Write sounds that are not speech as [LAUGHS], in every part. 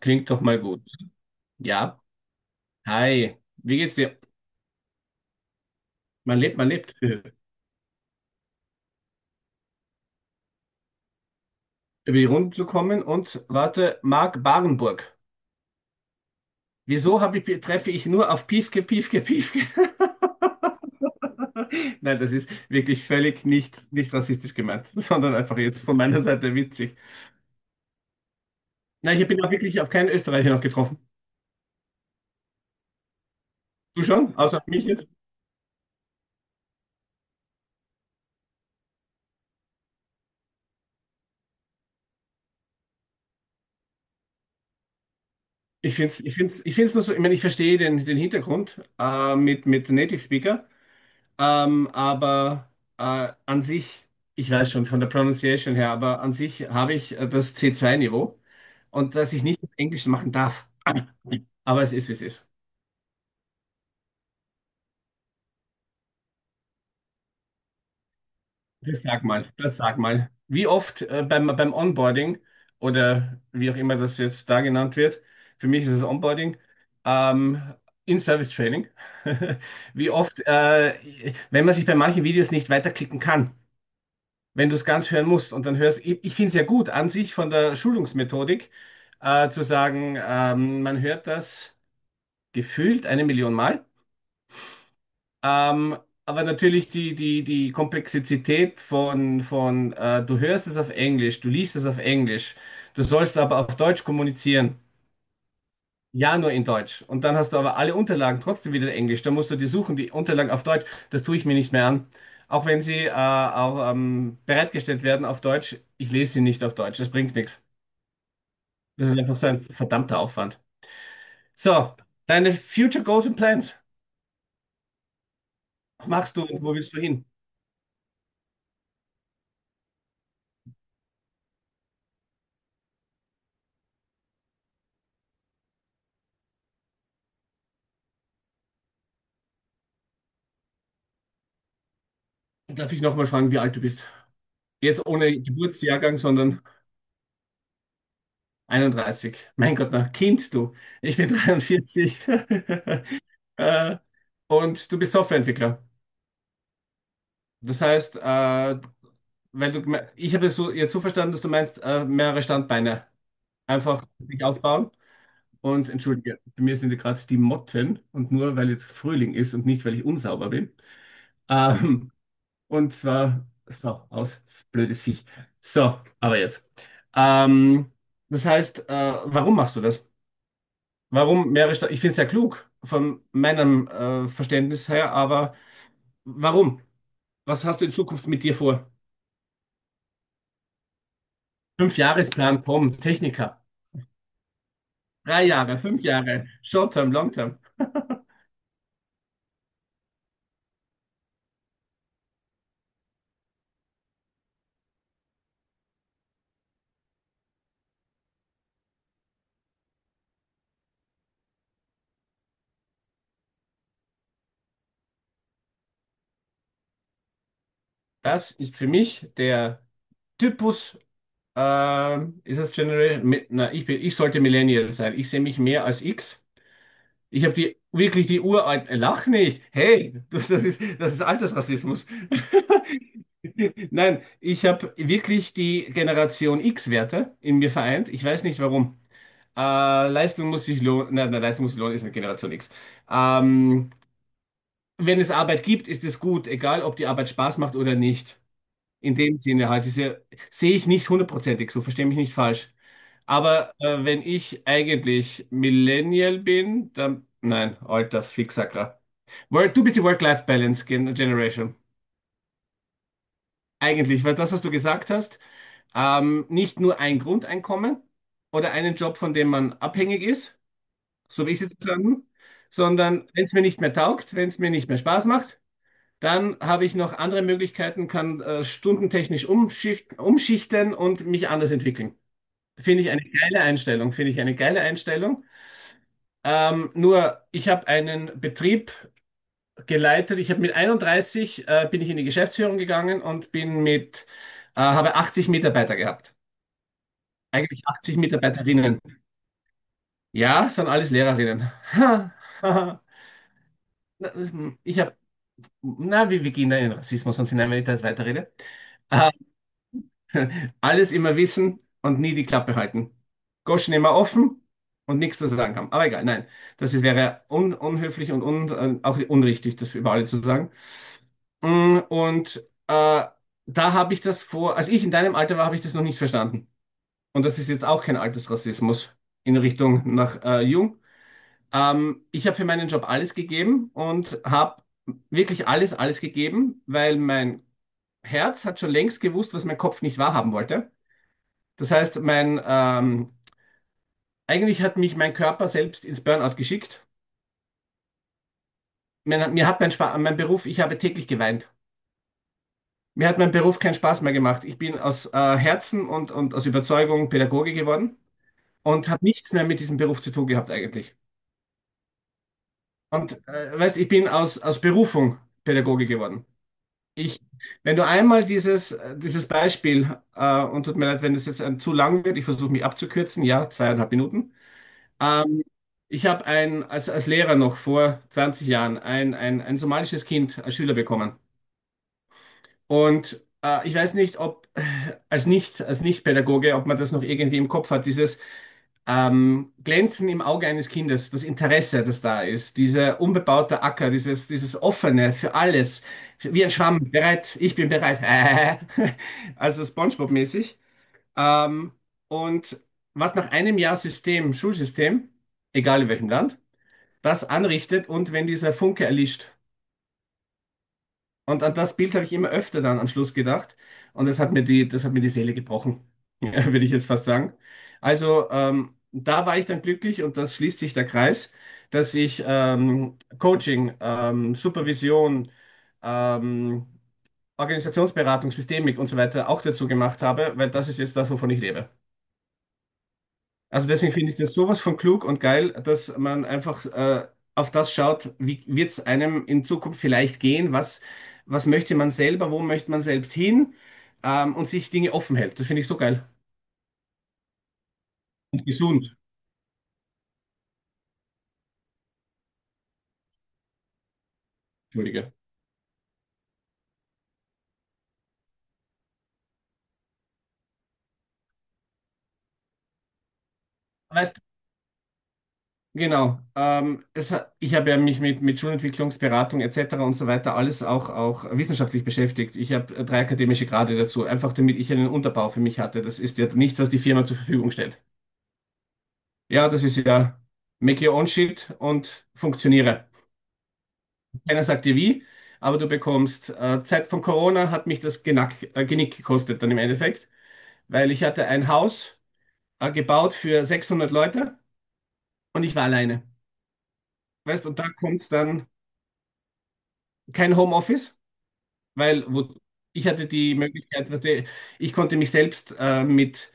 Klingt doch mal gut. Ja. Hi. Wie geht's dir? Man lebt, man lebt. Über die Runden zu kommen und warte, Marc Barenburg. Wieso habe ich, treffe ich nur auf Piefke, Piefke, Piefke? [LAUGHS] Nein, das ist wirklich völlig nicht rassistisch gemeint, [LAUGHS] sondern einfach jetzt von meiner Seite witzig. Nein, ich bin auch wirklich auf keinen Österreicher noch getroffen. Du schon? Außer auf mich jetzt? Ich finde es ich find's nur so, ich meine, ich verstehe den Hintergrund mit Native Speaker. Aber an sich, ich weiß schon von der Pronunciation her, aber an sich habe ich das C2-Niveau und dass ich nicht auf Englisch machen darf. Aber es ist, wie es ist. Das sag mal, das sag mal. Wie oft beim Onboarding oder wie auch immer das jetzt da genannt wird, für mich ist es Onboarding, ähm, In-Service-Training. [LAUGHS] Wie oft, wenn man sich bei manchen Videos nicht weiterklicken kann, wenn du es ganz hören musst und dann hörst, ich finde es ja gut an sich von der Schulungsmethodik, zu sagen, man hört das gefühlt 1 Million Mal. Ähm, aber natürlich die Komplexität von du hörst es auf Englisch, du liest es auf Englisch, du sollst aber auf Deutsch kommunizieren. Ja, nur in Deutsch. Und dann hast du aber alle Unterlagen trotzdem wieder in Englisch. Dann musst du die suchen, die Unterlagen auf Deutsch. Das tue ich mir nicht mehr an. Auch wenn sie auch, bereitgestellt werden auf Deutsch, ich lese sie nicht auf Deutsch. Das bringt nichts. Das ist einfach so ein verdammter Aufwand. So, deine Future Goals and Plans. Was machst du und wo willst du hin? Darf ich nochmal fragen, wie alt du bist? Jetzt ohne Geburtsjahrgang, sondern 31. Mein Gott, na, Kind, du. Ich bin 43. [LAUGHS] äh, und du bist Softwareentwickler. Das heißt, ich habe es so, jetzt so verstanden, dass du meinst, mehrere Standbeine einfach sich aufbauen. Und entschuldige, bei mir sind ja gerade die Motten und nur weil jetzt Frühling ist und nicht, weil ich unsauber bin. Ähm, und zwar, so, aus, blödes Viech. So, aber jetzt. Ähm, das heißt, warum machst du das? Warum mehrere Standbeine? Ich finde es ja klug von meinem Verständnis her, aber warum? Was hast du in Zukunft mit dir vor? Fünfjahresplan kommt, Techniker. Drei Jahre, fünf Jahre, Short-Term, Long-Term. Das ist für mich der Typus, ist das General, na, ich bin, ich sollte Millennial sein. Ich sehe mich mehr als X. Ich habe die, wirklich die uralten, lach nicht. Hey, das ist Altersrassismus. [LAUGHS] Nein, ich habe wirklich die Generation X-Werte in mir vereint. Ich weiß nicht warum. Leistung muss sich lohnen. Nein, nein, Leistung muss sich lohnen, ist eine Generation X. Ähm, wenn es Arbeit gibt, ist es gut, egal ob die Arbeit Spaß macht oder nicht. In dem Sinne halt, diese sehe ich nicht hundertprozentig, so verstehe mich nicht falsch. Aber wenn ich eigentlich Millennial bin, dann nein, alter Fixacker. Work, du bist die Work-Life-Balance Generation. Eigentlich, weil das, was du gesagt hast, nicht nur ein Grundeinkommen oder einen Job, von dem man abhängig ist, so wie ich es jetzt plane, sondern wenn es mir nicht mehr taugt, wenn es mir nicht mehr Spaß macht. Dann habe ich noch andere Möglichkeiten, kann stundentechnisch umschichten und mich anders entwickeln. Finde ich eine geile Einstellung, finde ich eine geile Einstellung. Nur, ich habe einen Betrieb geleitet. Ich habe mit 31 bin ich in die Geschäftsführung gegangen und habe 80 Mitarbeiter gehabt. Eigentlich 80 Mitarbeiterinnen. Ja, sind alles Lehrerinnen. [LAUGHS] Ha, ha, ha. Na, ich habe, na, wir gehen da in Rassismus und sind eine Details weiterrede. [LAUGHS] Alles immer wissen und nie die Klappe halten. Goschen immer offen und nichts zu sagen haben. Aber egal, nein. Das ist, wäre un unhöflich und un auch unrichtig, das über alle zu sagen. Und äh, da habe ich das vor, als ich in deinem Alter war, habe ich das noch nicht verstanden. Und das ist jetzt auch kein Altersrassismus in Richtung nach Jung. Ich habe für meinen Job alles gegeben und habe wirklich alles gegeben, weil mein Herz hat schon längst gewusst, was mein Kopf nicht wahrhaben wollte. Das heißt, mein, eigentlich hat mich mein Körper selbst ins Burnout geschickt. Mir hat mein, Spa mein Beruf, ich habe täglich geweint. Mir hat mein Beruf keinen Spaß mehr gemacht. Ich bin aus Herzen und aus Überzeugung Pädagoge geworden und habe nichts mehr mit diesem Beruf zu tun gehabt eigentlich. Und weißt, ich bin aus, aus Berufung Pädagoge geworden. Ich, wenn du einmal dieses, dieses Beispiel, und tut mir leid, wenn es jetzt ein, zu lang wird, ich versuche mich abzukürzen, ja, 2,5 Minuten. Ähm, ich habe ein, als, als Lehrer noch vor 20 Jahren ein somalisches Kind als Schüler bekommen. Und ich weiß nicht, ob als nicht, als Nicht-Pädagoge, ob man das noch irgendwie im Kopf hat, dieses Glänzen im Auge eines Kindes, das Interesse, das da ist, dieser unbebaute Acker, dieses Offene für alles, wie ein Schwamm, bereit, ich bin bereit, [LAUGHS] also SpongeBob-mäßig. Ähm, und was nach einem Jahr System, Schulsystem, egal in welchem Land, was anrichtet und wenn dieser Funke erlischt. Und an das Bild habe ich immer öfter dann am Schluss gedacht. Und das hat mir die Seele gebrochen, [LAUGHS] würde ich jetzt fast sagen. Also da war ich dann glücklich und das schließt sich der Kreis, dass ich Coaching, Supervision, ähm, Organisationsberatung, Systemik und so weiter auch dazu gemacht habe, weil das ist jetzt das, wovon ich lebe. Also deswegen finde ich das sowas von klug und geil, dass man einfach auf das schaut, wie wird es einem in Zukunft vielleicht gehen, was, was möchte man selber, wo möchte man selbst hin und sich Dinge offen hält. Das finde ich so geil und gesund. Entschuldige. Weißt, genau. Ich habe ja mich mit Schulentwicklungsberatung etc. und so weiter alles auch, auch wissenschaftlich beschäftigt. Ich habe drei akademische Grade dazu, einfach damit ich einen Unterbau für mich hatte. Das ist ja nichts, was die Firma zur Verfügung stellt. Ja, das ist ja make your own shit und funktioniere. Keiner sagt dir wie, aber du bekommst, Zeit von Corona hat mich das Genick gekostet dann im Endeffekt, weil ich hatte ein Haus, gebaut für 600 Leute und ich war alleine. Weißt, und da kommt dann kein Homeoffice, weil wo, ich hatte die Möglichkeit, weißt du, ich konnte mich selbst, mit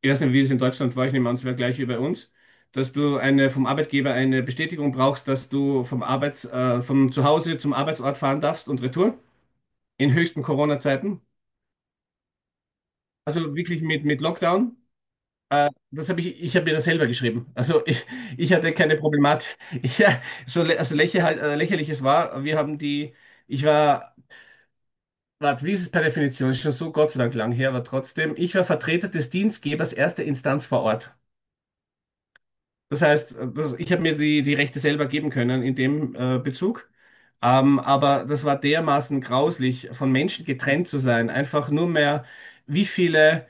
ich weiß nicht, wie es in Deutschland war, ich nehme an, es wäre gleich wie bei uns, dass du eine vom Arbeitgeber eine Bestätigung brauchst, dass du vom vom Zuhause zum Arbeitsort fahren darfst und retour in höchsten Corona-Zeiten. Also wirklich mit Lockdown. Das habe ich, ich habe mir das selber geschrieben. Also ich hatte keine Problematik. [LAUGHS] Ich, ja, lächerlich es war, wir haben die, ich war, warte, wie ist es per Definition? Ist schon so Gott sei Dank lang her, aber trotzdem, ich war Vertreter des Dienstgebers erster Instanz vor Ort. Das heißt, das, ich habe mir die Rechte selber geben können in dem Bezug. Aber das war dermaßen grauslich, von Menschen getrennt zu sein. Einfach nur mehr, wie viele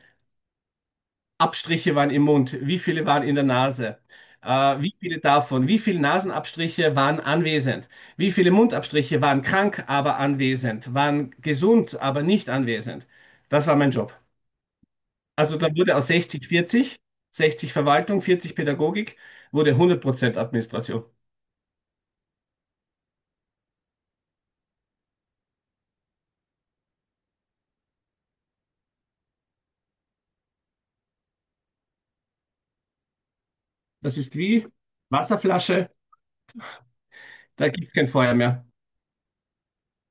Abstriche waren im Mund, wie viele waren in der Nase, wie viele davon, wie viele Nasenabstriche waren anwesend, wie viele Mundabstriche waren krank, aber anwesend, waren gesund, aber nicht anwesend. Das war mein Job. Also da wurde aus 60-40, 60 Verwaltung, 40 Pädagogik, wurde 100% Administration. Das ist wie Wasserflasche, da gibt es kein Feuer mehr,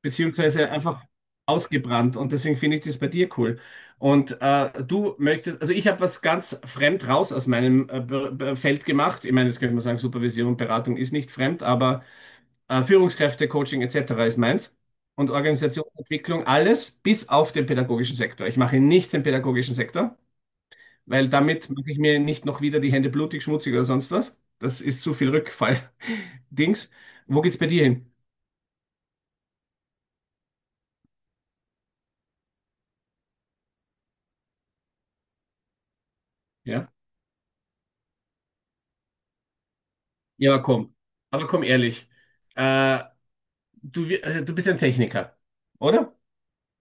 beziehungsweise einfach ausgebrannt. Und deswegen finde ich das bei dir cool. Und du möchtest, also ich habe was ganz fremd raus aus meinem Feld gemacht. Ich meine, jetzt könnte man sagen, Supervision und Beratung ist nicht fremd, aber Führungskräfte, Coaching etc. ist meins. Und Organisationsentwicklung, alles bis auf den pädagogischen Sektor. Ich mache nichts im pädagogischen Sektor, weil damit mache ich mir nicht noch wieder die Hände blutig, schmutzig oder sonst was. Das ist zu viel Rückfall-Dings. [LAUGHS] Wo geht's bei dir hin? Ja? Ja, aber komm. Aber komm ehrlich. Äh, du bist ein Techniker, oder?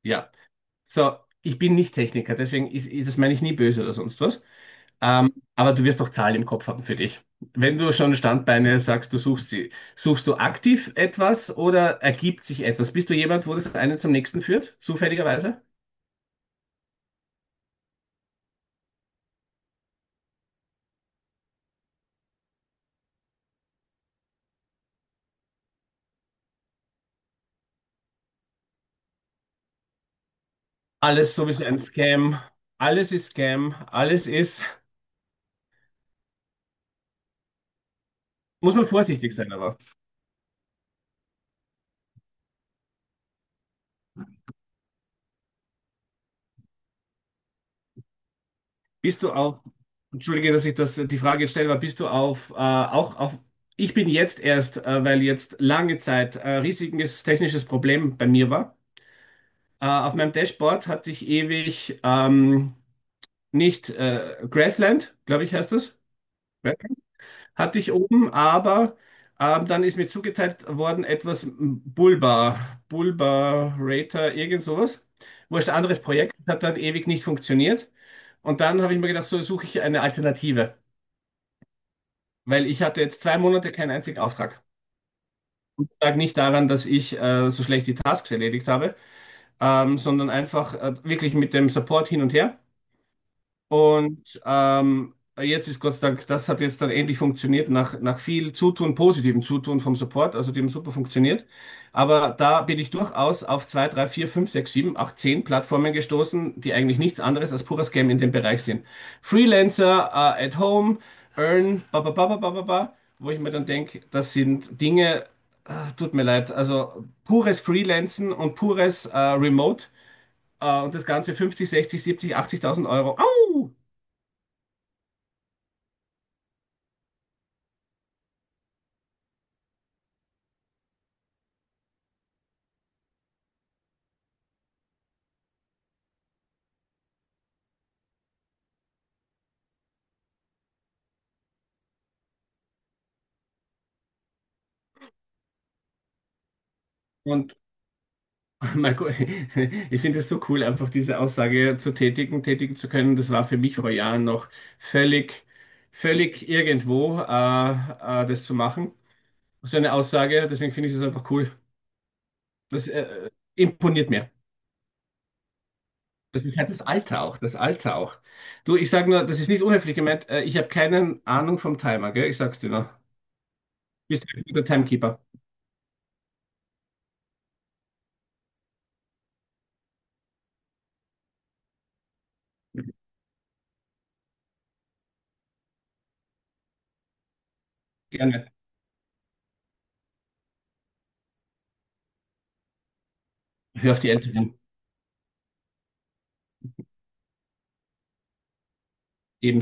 Ja. So, ich bin nicht Techniker, deswegen das meine ich nie böse oder sonst was. Aber du wirst doch Zahlen im Kopf haben für dich. Wenn du schon Standbeine sagst, du suchst sie, suchst du aktiv etwas oder ergibt sich etwas? Bist du jemand, wo das eine zum nächsten führt, zufälligerweise? Alles sowieso ein Scam. Alles ist Scam. Alles ist. Muss man vorsichtig sein, aber. Bist du auf. Entschuldige, dass ich das, die Frage jetzt stelle, aber bist du auf. Auch auf. Ich bin jetzt erst, weil jetzt lange Zeit riesiges technisches Problem bei mir war. Auf meinem Dashboard hatte ich ewig nicht Grassland, glaube ich, heißt das, hatte ich oben, aber dann ist mir zugeteilt worden etwas Bulba, Bulbarator, irgend sowas. Wurscht, anderes Projekt, das hat dann ewig nicht funktioniert. Und dann habe ich mir gedacht, so suche ich eine Alternative, weil ich hatte jetzt 2 Monate keinen einzigen Auftrag. Lag nicht daran, dass ich so schlecht die Tasks erledigt habe, sondern einfach wirklich mit dem Support hin und her. Und jetzt ist Gott sei Dank, das hat jetzt dann endlich funktioniert, nach, nach viel Zutun, positivem Zutun vom Support, also die haben super funktioniert. Aber da bin ich durchaus auf 2, 3, 4, 5, 6, 7, 8, 10 Plattformen gestoßen, die eigentlich nichts anderes als purer Scam in dem Bereich sind. Freelancer, at home, earn, ba, ba, ba, ba, ba, ba, ba, wo ich mir dann denke, das sind Dinge, ah, tut mir leid, also pures Freelancen und pures Remote und das Ganze 50, 60, 70, 80.000 Euro. Au! Und Marco, [LAUGHS] ich finde es so cool, einfach diese Aussage zu tätigen, tätigen zu können. Das war für mich vor Jahren noch völlig, völlig irgendwo, das zu machen. So eine Aussage, deswegen finde ich das einfach cool. Das imponiert mir. Das ist halt das Alter auch, das Alter auch. Du, ich sage nur, das ist nicht unhöflich gemeint. Ich habe keine Ahnung vom Timer, gell? Ich sag's dir nur. Bist du ein guter Timekeeper? Gerne. Hör auf die Älteren. Eben.